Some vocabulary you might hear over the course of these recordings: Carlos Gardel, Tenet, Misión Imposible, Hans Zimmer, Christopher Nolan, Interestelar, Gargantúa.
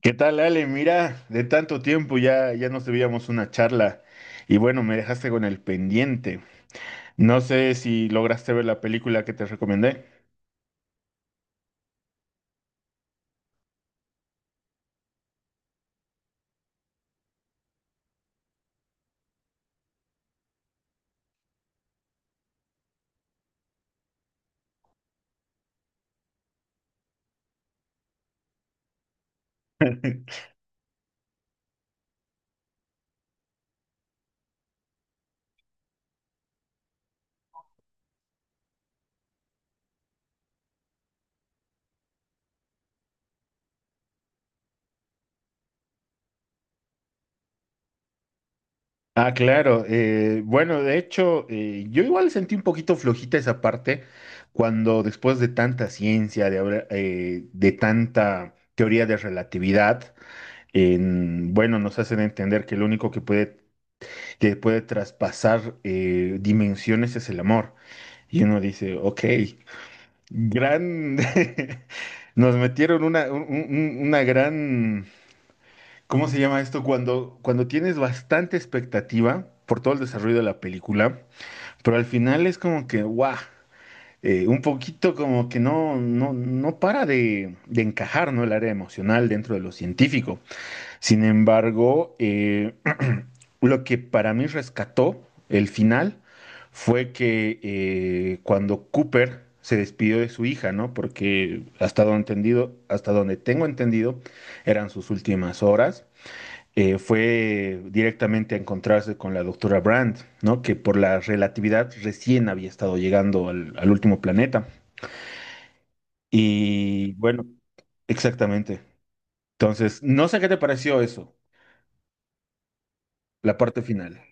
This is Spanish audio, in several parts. ¿Qué tal, Ale? Mira, de tanto tiempo ya nos debíamos una charla y bueno, me dejaste con el pendiente. No sé si lograste ver la película que te recomendé. Ah, claro. Bueno, de hecho, yo igual sentí un poquito flojita esa parte cuando después de tanta ciencia, de tanta teoría de relatividad, bueno, nos hacen entender que lo que puede traspasar dimensiones es el amor. Y uno dice, ok, Gran, nos metieron una gran, ¿cómo se llama esto? Cuando tienes bastante expectativa por todo el desarrollo de la película, pero al final es como que, guau, un poquito como que no para de encajar, ¿no? El área emocional dentro de lo científico. Sin embargo, lo que para mí rescató el final fue que cuando Cooper se despidió de su hija, ¿no? Porque hasta donde tengo entendido, eran sus últimas horas. Fue directamente a encontrarse con la doctora Brand, ¿no? Que por la relatividad recién había estado llegando al último planeta. Y bueno, exactamente. Entonces, no sé qué te pareció eso, la parte final.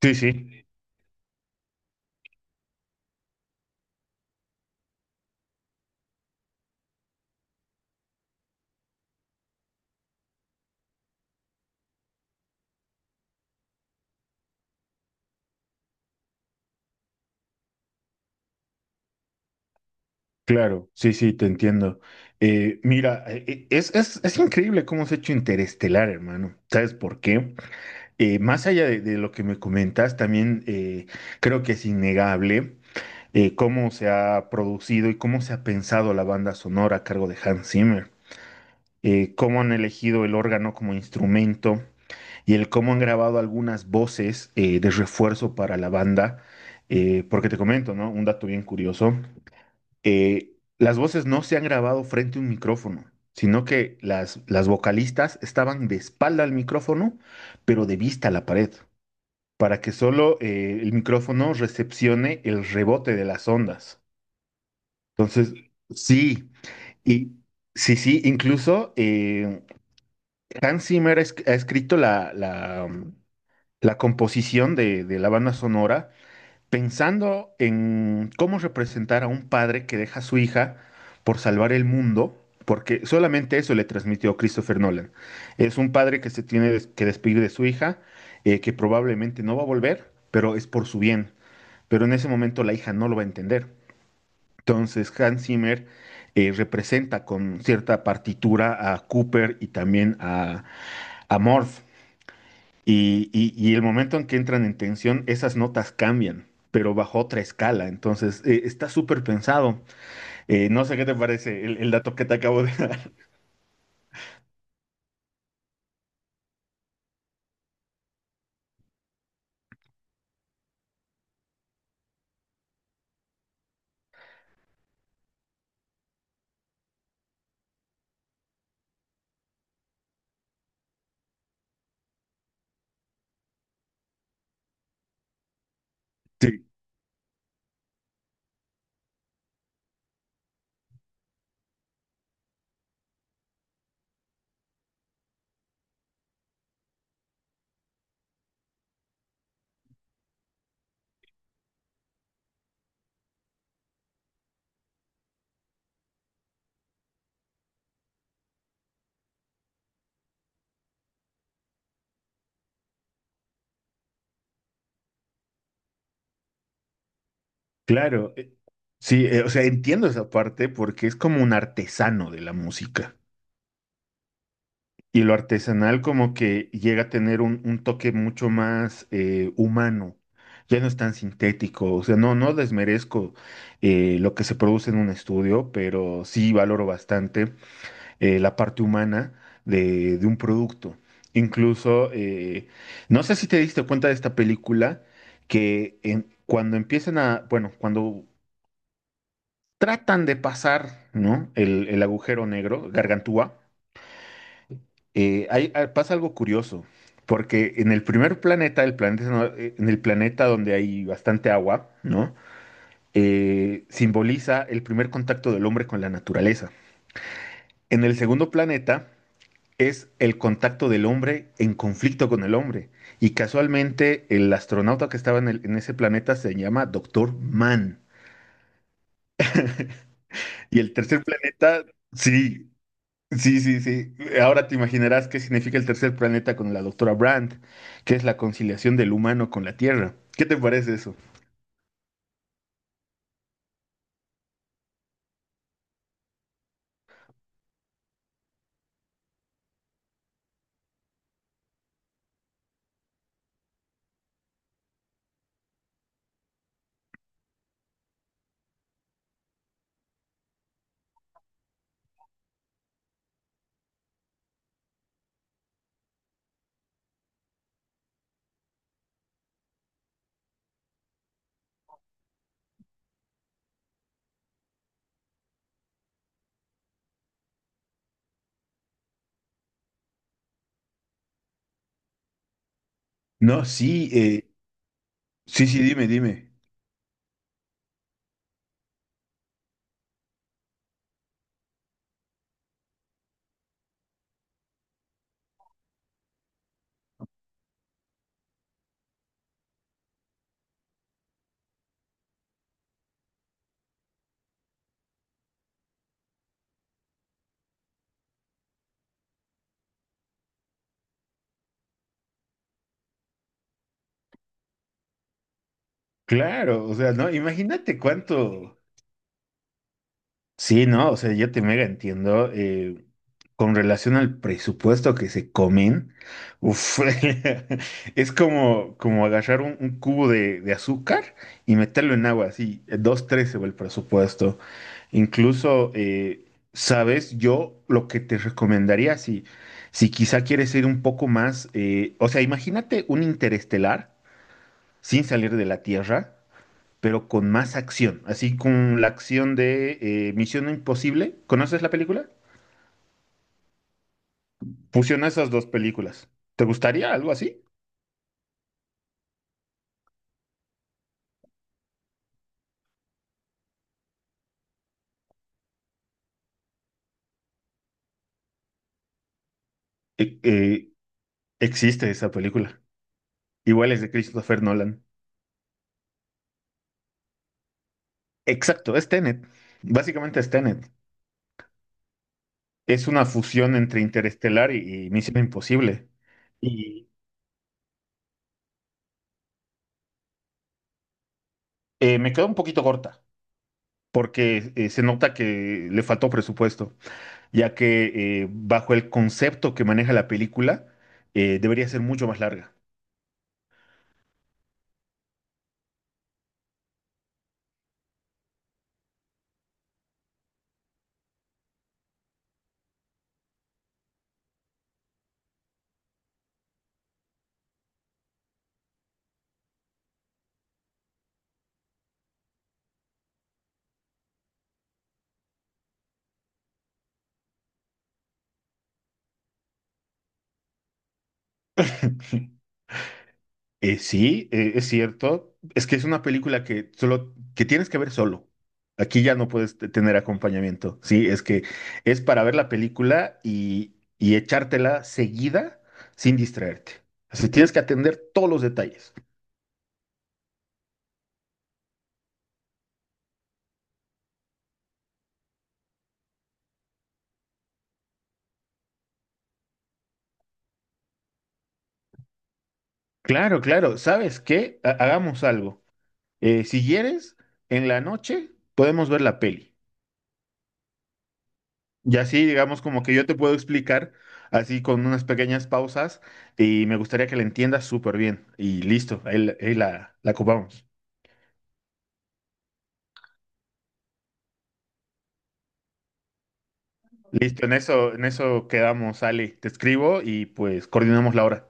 Sí, sí. Claro, sí, sí, te entiendo. Es, es increíble cómo se ha hecho Interestelar, hermano. ¿Sabes por qué? Más allá de lo que me comentas, también creo que es innegable cómo se ha producido y cómo se ha pensado la banda sonora a cargo de Hans Zimmer. Cómo han elegido el órgano como instrumento y el cómo han grabado algunas voces de refuerzo para la banda. Porque te comento, ¿no? Un dato bien curioso: las voces no se han grabado frente a un micrófono, sino que las vocalistas estaban de espalda al micrófono, pero de vista a la pared, para que solo el micrófono recepcione el rebote de las ondas. Entonces, sí, y sí, sí, incluso Hans Zimmer ha, ha escrito la composición de la banda sonora, pensando en cómo representar a un padre que deja a su hija por salvar el mundo, porque solamente eso le transmitió Christopher Nolan. Es un padre que que despedir de su hija, que probablemente no va a volver, pero es por su bien. Pero en ese momento la hija no lo va a entender. Entonces Hans Zimmer representa con cierta partitura a Cooper y también a Morph, y el momento en que entran en tensión, esas notas cambian, pero bajo otra escala. Entonces, está súper pensado. No sé qué te parece el dato que te acabo de dar. Sí, claro. Sí, o sea, entiendo esa parte porque es como un artesano de la música. Y lo artesanal como que llega a tener un toque mucho más humano. Ya no es tan sintético. O sea, no, no desmerezco lo que se produce en un estudio, pero sí valoro bastante la parte humana de un producto. Incluso, no sé si te diste cuenta de esta película, que cuando empiezan a, bueno, cuando tratan de pasar, ¿no? El agujero negro, Gargantúa, pasa algo curioso, porque en el primer planeta, el planeta, no- en el planeta donde hay bastante agua, ¿no? Simboliza el primer contacto del hombre con la naturaleza. En el segundo planeta, es el contacto del hombre en conflicto con el hombre. Y casualmente el astronauta que estaba en ese planeta se llama Doctor Mann. Y el tercer planeta, sí, sí, sí, sí. Ahora te imaginarás qué significa el tercer planeta con la doctora Brandt, que es la conciliación del humano con la Tierra. ¿Qué te parece eso? No, sí, sí, sí, dime, dime. Claro, o sea, no, imagínate cuánto. Sí, no, o sea, yo te mega entiendo. Con relación al presupuesto que se comen, uf, es como agarrar un cubo de azúcar y meterlo en agua, así, dos, tres se va el presupuesto. Incluso, sabes, yo lo que te recomendaría, si quizá quieres ir un poco más, o sea, imagínate un interestelar sin salir de la Tierra pero con más acción, así con la acción de Misión Imposible. ¿Conoces la película? Fusiona esas dos películas. ¿Te gustaría algo así? Eh, eh, Existe esa película. Igual es de Christopher Nolan. Exacto, es Tenet. Básicamente es Tenet. Es una fusión entre Interestelar y Misión Imposible. Y me quedó un poquito corta, porque se nota que le faltó presupuesto, ya que bajo el concepto que maneja la película, debería ser mucho más larga. Sí, es cierto. Es que es una película que solo que tienes que ver solo. Aquí ya no puedes tener acompañamiento. Sí, es que es para ver la película y echártela seguida sin distraerte. Así tienes que atender todos los detalles. Claro, claro. ¿Sabes qué? Hagamos algo. Si quieres, en la noche podemos ver la peli. Y así, digamos, como que yo te puedo explicar, así con unas pequeñas pausas, y me gustaría que la entiendas súper bien. Y listo, ahí la ocupamos. Listo, en eso quedamos, Ale. Te escribo y pues coordinamos la hora.